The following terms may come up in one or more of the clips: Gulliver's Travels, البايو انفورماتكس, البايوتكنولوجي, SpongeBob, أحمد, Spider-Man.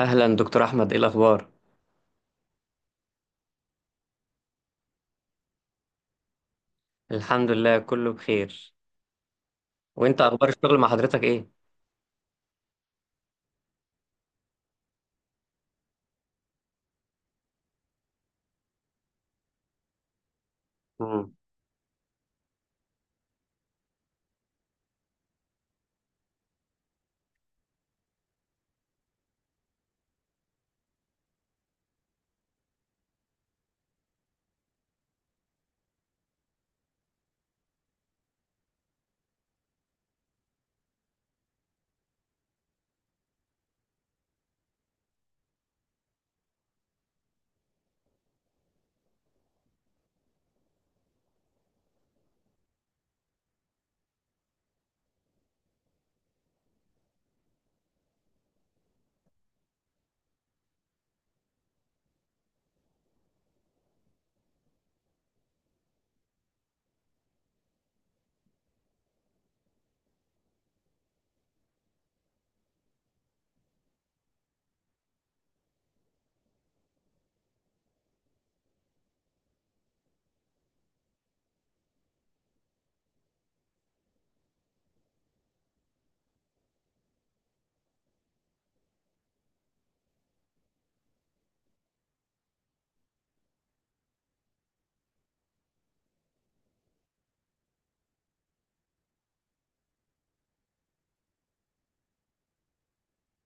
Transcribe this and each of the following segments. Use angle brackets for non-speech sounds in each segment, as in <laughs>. أهلا دكتور أحمد، إيه الأخبار؟ الحمد لله كله بخير. وإنت أخبار الشغل مع حضرتك إيه؟ مم.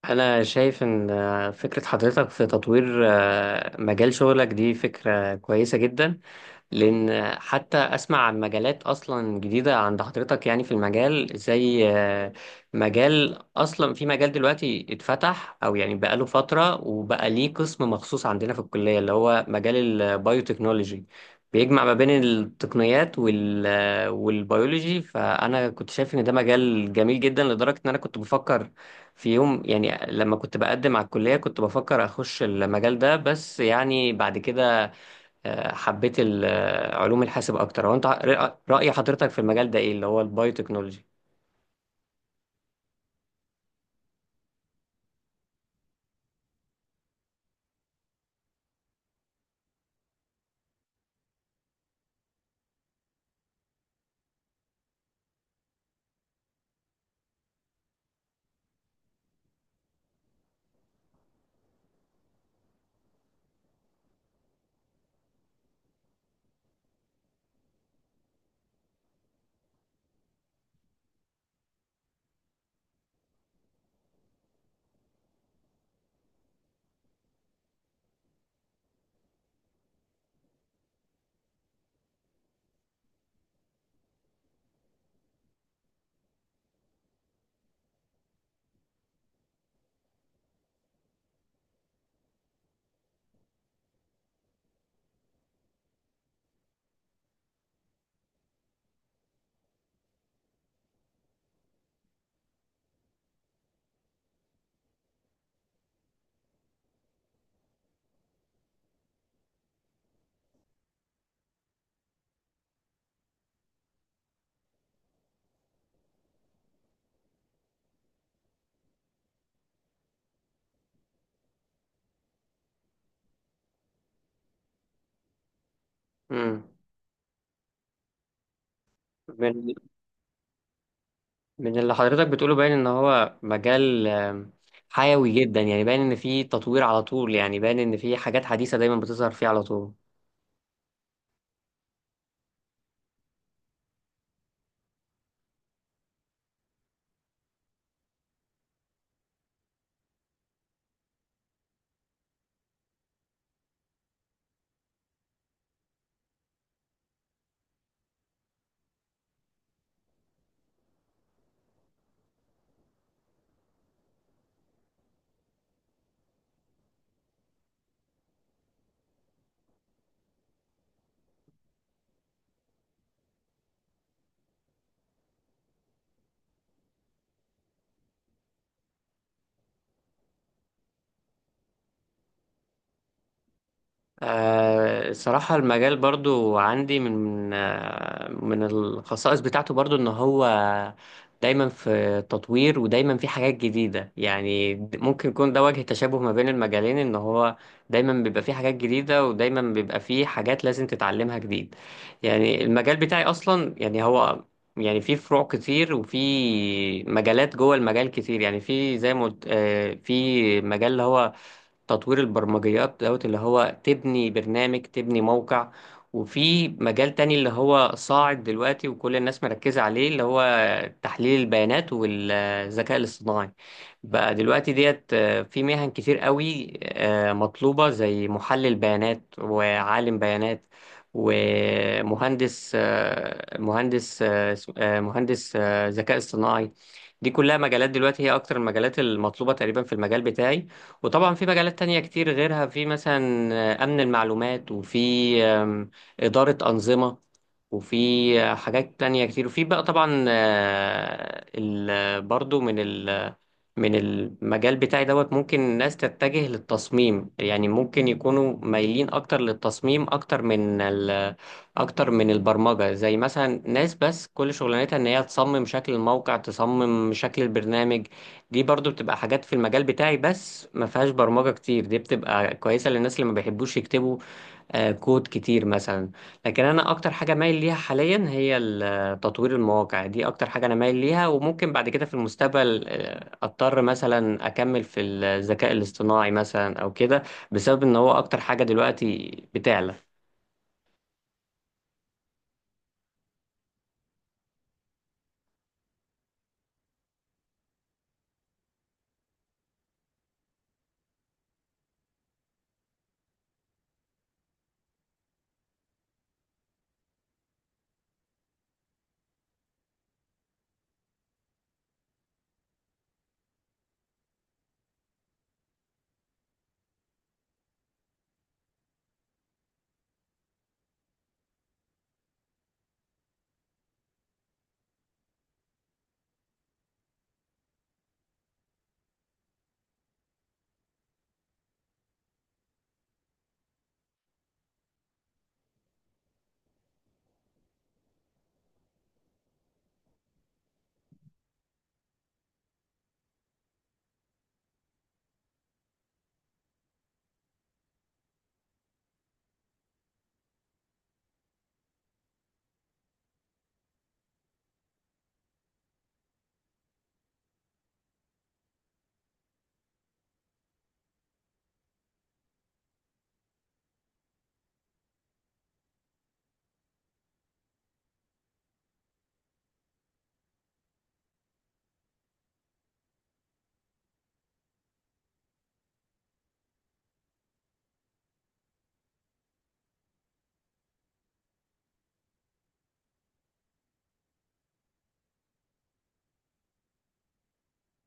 أنا شايف إن فكرة حضرتك في تطوير مجال شغلك دي فكرة كويسة جدا، لان حتى اسمع عن مجالات اصلا جديده عند حضرتك، يعني في المجال زي مجال اصلا، في مجال دلوقتي اتفتح او يعني بقاله فتره وبقى ليه قسم مخصوص عندنا في الكليه اللي هو مجال البايوتكنولوجي، بيجمع ما بين التقنيات وال آه، والبيولوجي. فانا كنت شايف ان ده مجال جميل جدا لدرجه ان انا كنت بفكر في يوم، يعني لما كنت بقدم على الكليه كنت بفكر اخش المجال ده، بس يعني بعد كده حبيت علوم الحاسب اكتر. هو انت رأي حضرتك في المجال ده ايه اللي هو البايوتكنولوجي؟ امم. من من اللي حضرتك بتقوله باين ان هو مجال حيوي جدا، يعني باين ان فيه تطوير على طول، يعني باين ان فيه حاجات حديثة دايما بتظهر فيه على طول. الصراحة المجال برضو عندي من من الخصائص بتاعته برضو ان هو دايما في تطوير ودايما في حاجات جديدة، يعني ممكن يكون ده وجه تشابه ما بين المجالين، ان هو دايما بيبقى فيه حاجات جديدة ودايما بيبقى فيه حاجات لازم تتعلمها جديد. يعني المجال بتاعي اصلا يعني هو، يعني في فروع كتير وفي مجالات جوه المجال كتير، يعني في زي ما قلت، في مجال اللي هو تطوير البرمجيات دوت اللي هو تبني برنامج تبني موقع، وفي مجال تاني اللي هو صاعد دلوقتي وكل الناس مركزة عليه اللي هو تحليل البيانات والذكاء الاصطناعي. بقى دلوقتي ديت في مهن كتير قوي مطلوبة زي محلل بيانات وعالم بيانات ومهندس، مهندس ذكاء اصطناعي. دي كلها مجالات دلوقتي هي أكتر المجالات المطلوبة تقريبا في المجال بتاعي. وطبعا في مجالات تانية كتير غيرها، في مثلا أمن المعلومات، وفي آم، إدارة أنظمة، وفي حاجات تانية كتير. وفي بقى طبعا برضو من المجال بتاعي دوت ممكن الناس تتجه للتصميم، يعني ممكن يكونوا مايلين اكتر للتصميم، اكتر من البرمجة، زي مثلا ناس بس كل شغلانتها ان هي تصمم شكل الموقع تصمم شكل البرنامج. دي برضو بتبقى حاجات في المجال بتاعي بس ما فيهاش برمجة كتير، دي بتبقى كويسة للناس اللي ما بيحبوش يكتبوا كود كتير مثلا. لكن انا اكتر حاجه مايل ليها حاليا هي تطوير المواقع، دي اكتر حاجه انا مايل ليها. وممكن بعد كده في المستقبل اضطر مثلا اكمل في الذكاء الاصطناعي مثلا او كده، بسبب ان هو اكتر حاجه دلوقتي بتعلى.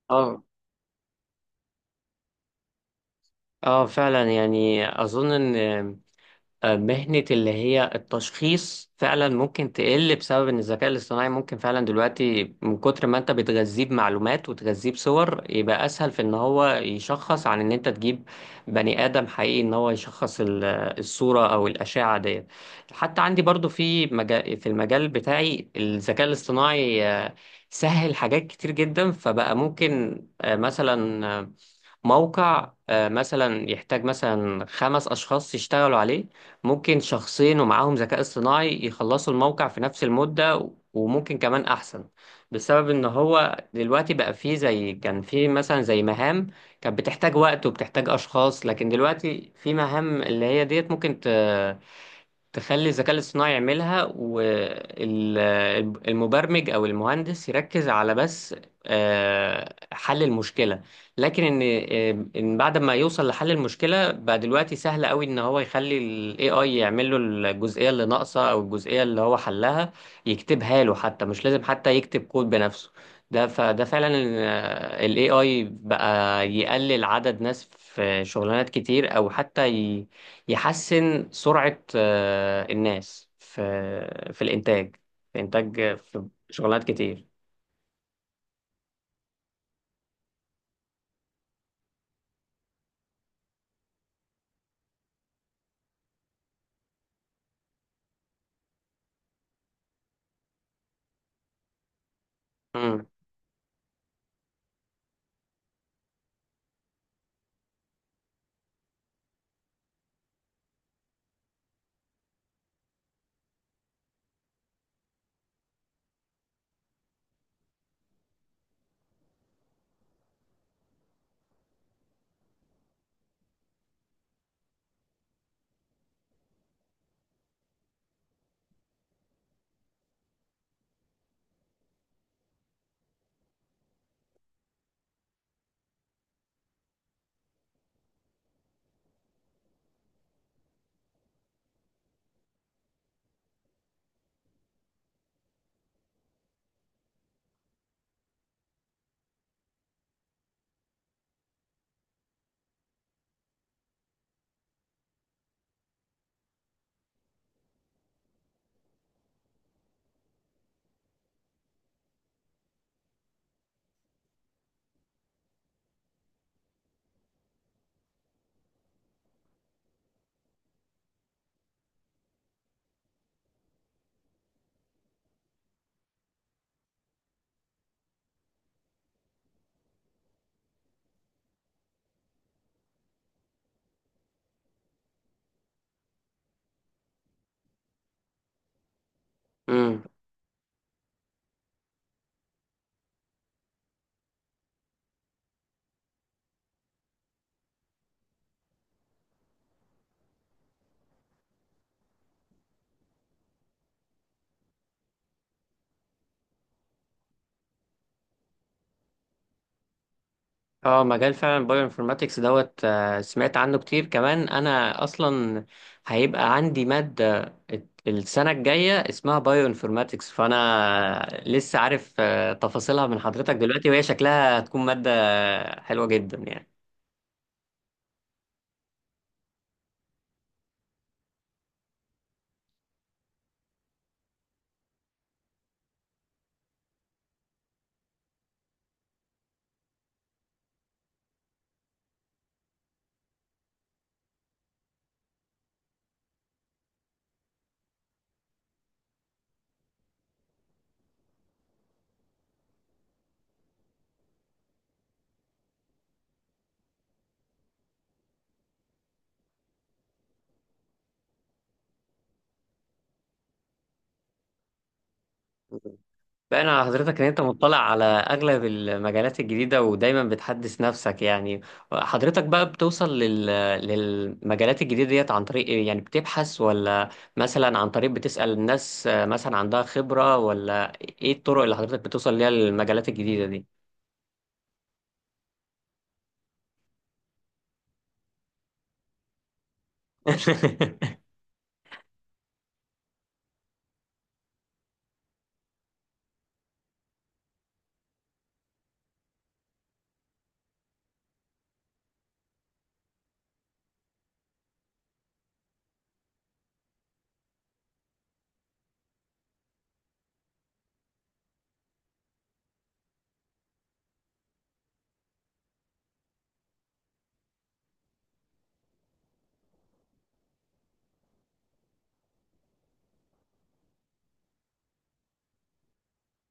اه. اه فعلا، يعني اظن ان مهنة اللي هي التشخيص فعلا ممكن تقل بسبب ان الذكاء الاصطناعي ممكن فعلا دلوقتي، من كتر ما انت بتغذيه بمعلومات وتغذيه بصور، يبقى اسهل في ان هو يشخص عن ان انت تجيب بني ادم حقيقي ان هو يشخص الصورة او الاشعة ديت. حتى عندي برضو في مجال، في المجال بتاعي الذكاء الاصطناعي سهل حاجات كتير جدا، فبقى ممكن آه، مثلا آه، موقع مثلا يحتاج مثلا خمس أشخاص يشتغلوا عليه، ممكن شخصين ومعاهم ذكاء اصطناعي يخلصوا الموقع في نفس المدة وممكن كمان أحسن، بسبب إن هو دلوقتي بقى فيه، زي كان فيه مثلا زي مهام كانت بتحتاج وقت وبتحتاج أشخاص، لكن دلوقتي في مهام اللي هي ديت ممكن تخلي الذكاء الاصطناعي يعملها، والمبرمج او المهندس يركز على بس حل المشكلة. لكن ان بعد ما يوصل لحل المشكلة بقى دلوقتي سهل قوي ان هو يخلي ال AI يعمل له الجزئية اللي ناقصة، او الجزئية اللي هو حلها يكتبها له، حتى مش لازم حتى يكتب كود بنفسه. فده فعلا ال AI بقى يقلل عدد ناس في شغلانات كتير، او حتى يحسن سرعة الناس في في الإنتاج، في إنتاج في شغلانات كتير. امم. امم. اه، مجال فعلا البايو انفورماتكس دوت، سمعت عنه كتير كمان. أنا أصلا هيبقى عندي مادة السنة الجاية اسمها بايو انفورماتكس، فأنا لسه عارف تفاصيلها من حضرتك دلوقتي، وهي شكلها هتكون مادة حلوة جدا يعني. باين على حضرتك ان انت مطلع على اغلب المجالات الجديدة ودايما بتحدث نفسك. يعني حضرتك بقى بتوصل لل... للمجالات الجديدة ديت عن طريق ايه؟ يعني بتبحث، ولا مثلا عن طريق بتسأل الناس مثلا عندها خبرة، ولا ايه الطرق اللي حضرتك بتوصل ليها للمجالات الجديدة دي؟ <laughs>